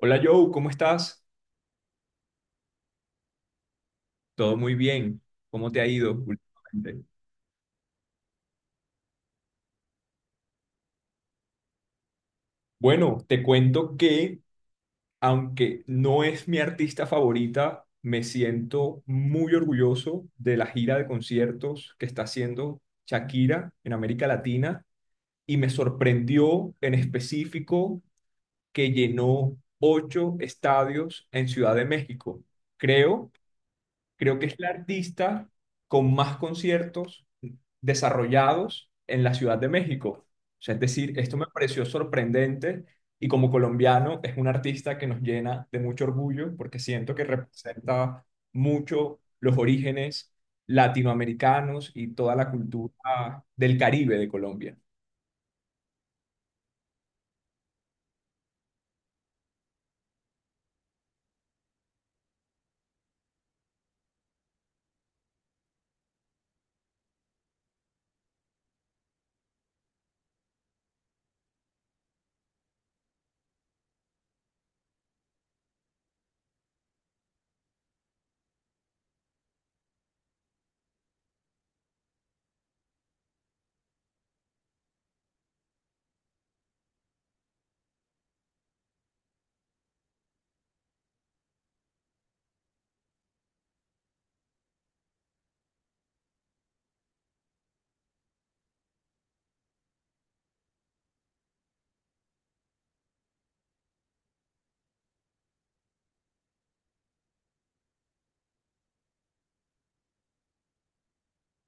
Hola Joe, ¿cómo estás? Todo muy bien. ¿Cómo te ha ido últimamente? Bueno, te cuento que aunque no es mi artista favorita, me siento muy orgulloso de la gira de conciertos que está haciendo Shakira en América Latina y me sorprendió en específico que llenó ocho estadios en Ciudad de México. Creo Creo que es la artista con más conciertos desarrollados en la Ciudad de México. O sea, es decir, esto me pareció sorprendente y como colombiano es un artista que nos llena de mucho orgullo porque siento que representa mucho los orígenes latinoamericanos y toda la cultura del Caribe de Colombia.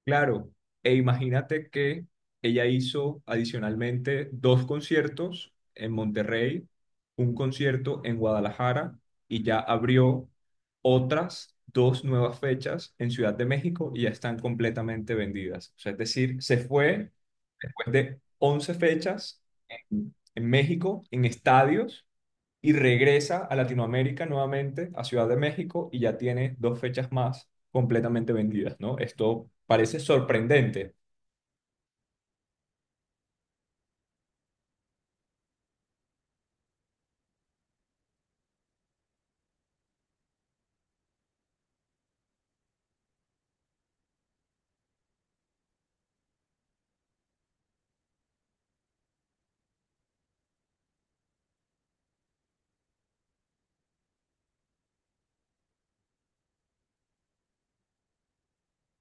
Claro, e imagínate que ella hizo adicionalmente dos conciertos en Monterrey, un concierto en Guadalajara y ya abrió otras dos nuevas fechas en Ciudad de México y ya están completamente vendidas. O sea, es decir, se fue después de 11 fechas en México, en estadios, y regresa a Latinoamérica nuevamente, a Ciudad de México, y ya tiene dos fechas más completamente vendidas, ¿no? Esto parece sorprendente.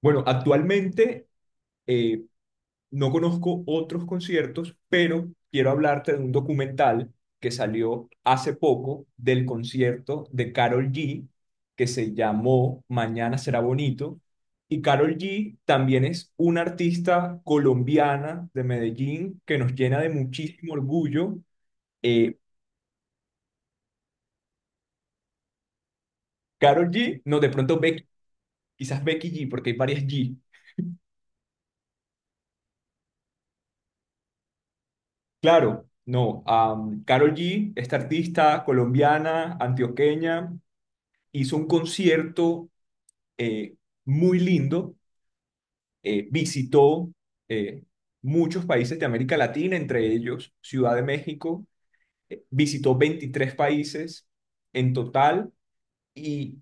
Bueno, actualmente eh, no conozco otros conciertos, pero quiero hablarte de un documental que salió hace poco del concierto de Karol G, que se llamó Mañana será bonito. Y Karol G también es una artista colombiana de Medellín que nos llena de muchísimo orgullo. eh, Karol G, no, de pronto Becky, quizás Becky G, porque hay varias G. Claro, no. Carol Karol G, esta artista colombiana, antioqueña, hizo un concierto eh, muy lindo, visitó eh, muchos países de América Latina, entre ellos Ciudad de México, visitó 23 países en total y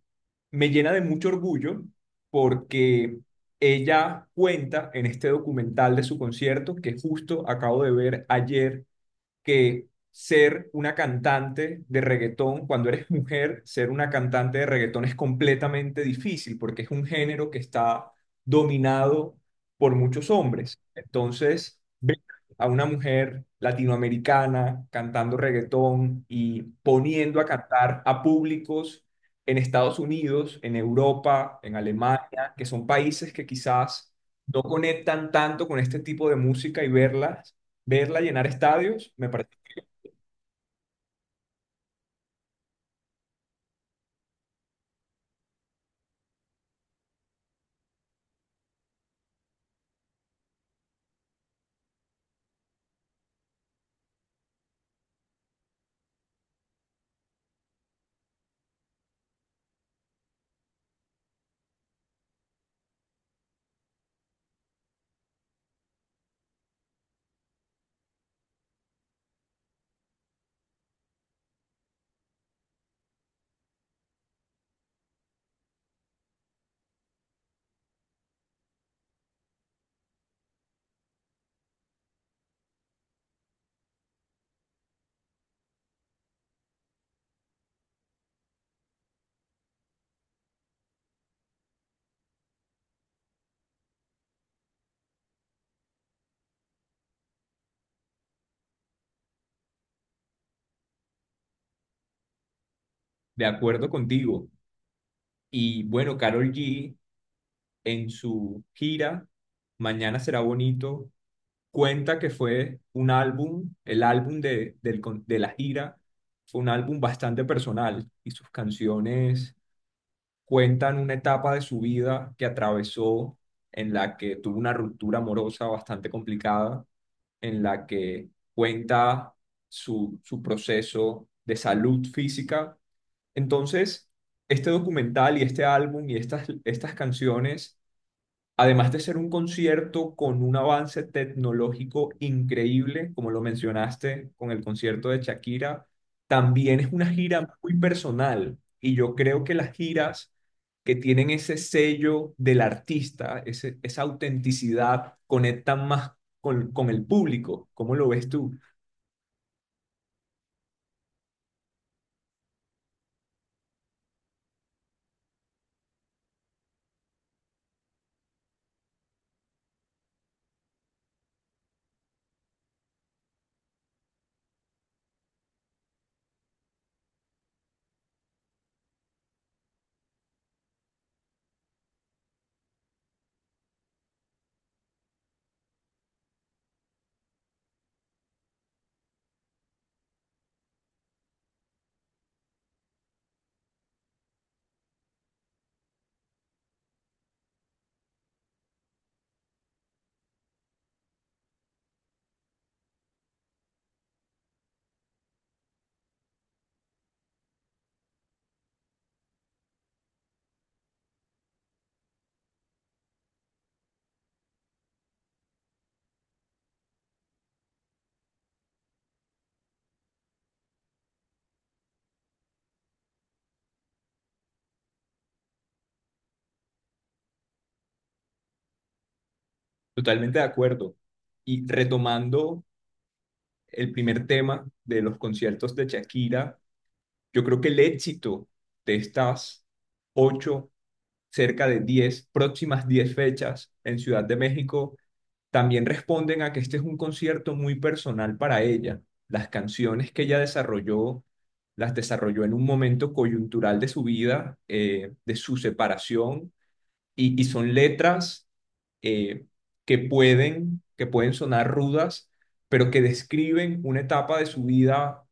me llena de mucho orgullo porque ella cuenta en este documental de su concierto que justo acabo de ver ayer que ser una cantante de reggaetón, cuando eres mujer, ser una cantante de reggaetón es completamente difícil porque es un género que está dominado por muchos hombres. Entonces, ver a una mujer latinoamericana cantando reggaetón y poniendo a cantar a públicos en Estados Unidos, en Europa, en Alemania, que son países que quizás no conectan tanto con este tipo de música y verla llenar estadios, me parece. De acuerdo contigo. Y bueno, Karol G en su gira, Mañana será bonito, cuenta que fue un álbum, el álbum de, de la gira, fue un álbum bastante personal y sus canciones cuentan una etapa de su vida que atravesó en la que tuvo una ruptura amorosa bastante complicada, en la que cuenta su proceso de salud física. Entonces, este documental y este álbum y estas canciones, además de ser un concierto con un avance tecnológico increíble, como lo mencionaste con el concierto de Shakira, también es una gira muy personal. Y yo creo que las giras que tienen ese sello del artista, esa autenticidad, conectan más con el público. ¿Cómo lo ves tú? Totalmente de acuerdo. Y retomando el primer tema de los conciertos de Shakira, yo creo que el éxito de estas ocho, cerca de 10, próximas 10 fechas en Ciudad de México, también responden a que este es un concierto muy personal para ella. Las canciones que ella desarrolló, las desarrolló en un momento coyuntural de su vida, de su separación y son letras eh, que pueden sonar rudas, pero que describen una etapa de su vida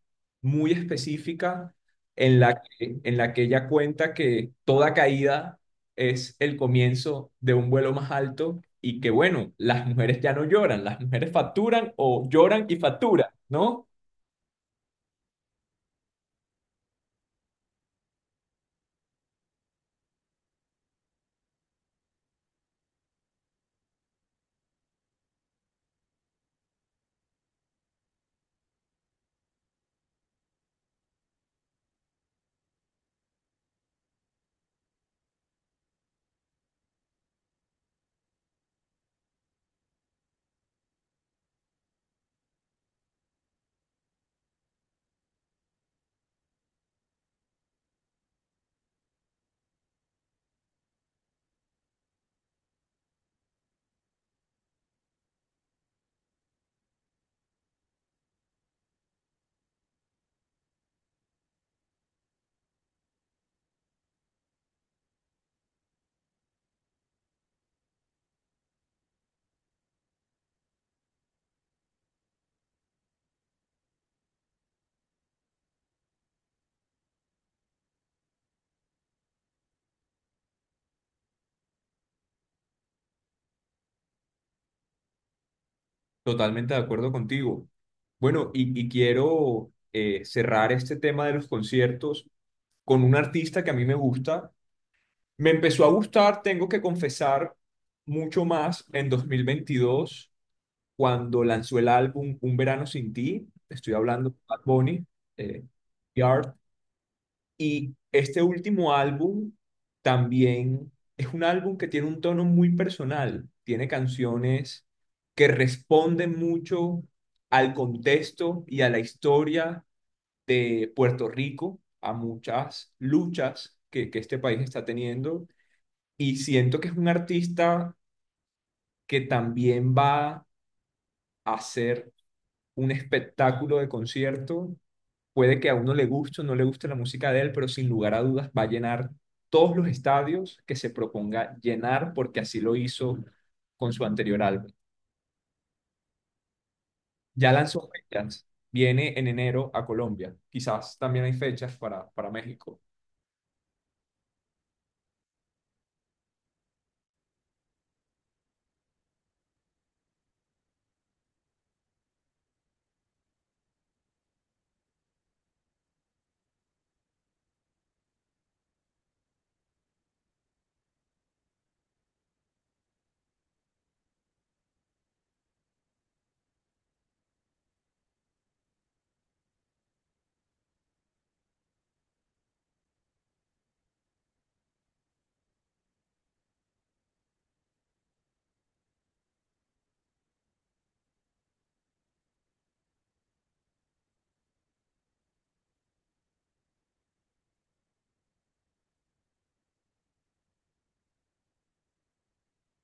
muy específica en la que ella cuenta que toda caída es el comienzo de un vuelo más alto y que bueno, las mujeres ya no lloran, las mujeres facturan o lloran y facturan, ¿no? Totalmente de acuerdo contigo. Bueno, y quiero cerrar este tema de los conciertos con un artista que a mí me gusta. Me empezó a gustar, tengo que confesar, mucho más en 2022 cuando lanzó el álbum Un Verano Sin Ti. Estoy hablando de Bad Bunny, eh, Yard. Y este último álbum también es un álbum que tiene un tono muy personal. Tiene canciones que responden mucho al contexto y a la historia de Puerto Rico a muchas luchas que este país está teniendo y siento que es un artista que también va a hacer un espectáculo de concierto. Puede que a uno le guste o no le guste la música de él, pero sin lugar a dudas va a llenar todos los estadios que se proponga llenar porque así lo hizo con su anterior álbum. Ya lanzó fechas, viene en enero a Colombia. Quizás también hay fechas para México.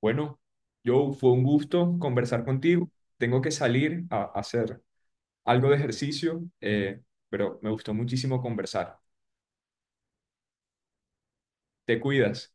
Bueno, Joe, fue un gusto conversar contigo. Tengo que salir a hacer algo de ejercicio, pero me gustó muchísimo conversar. Te cuidas.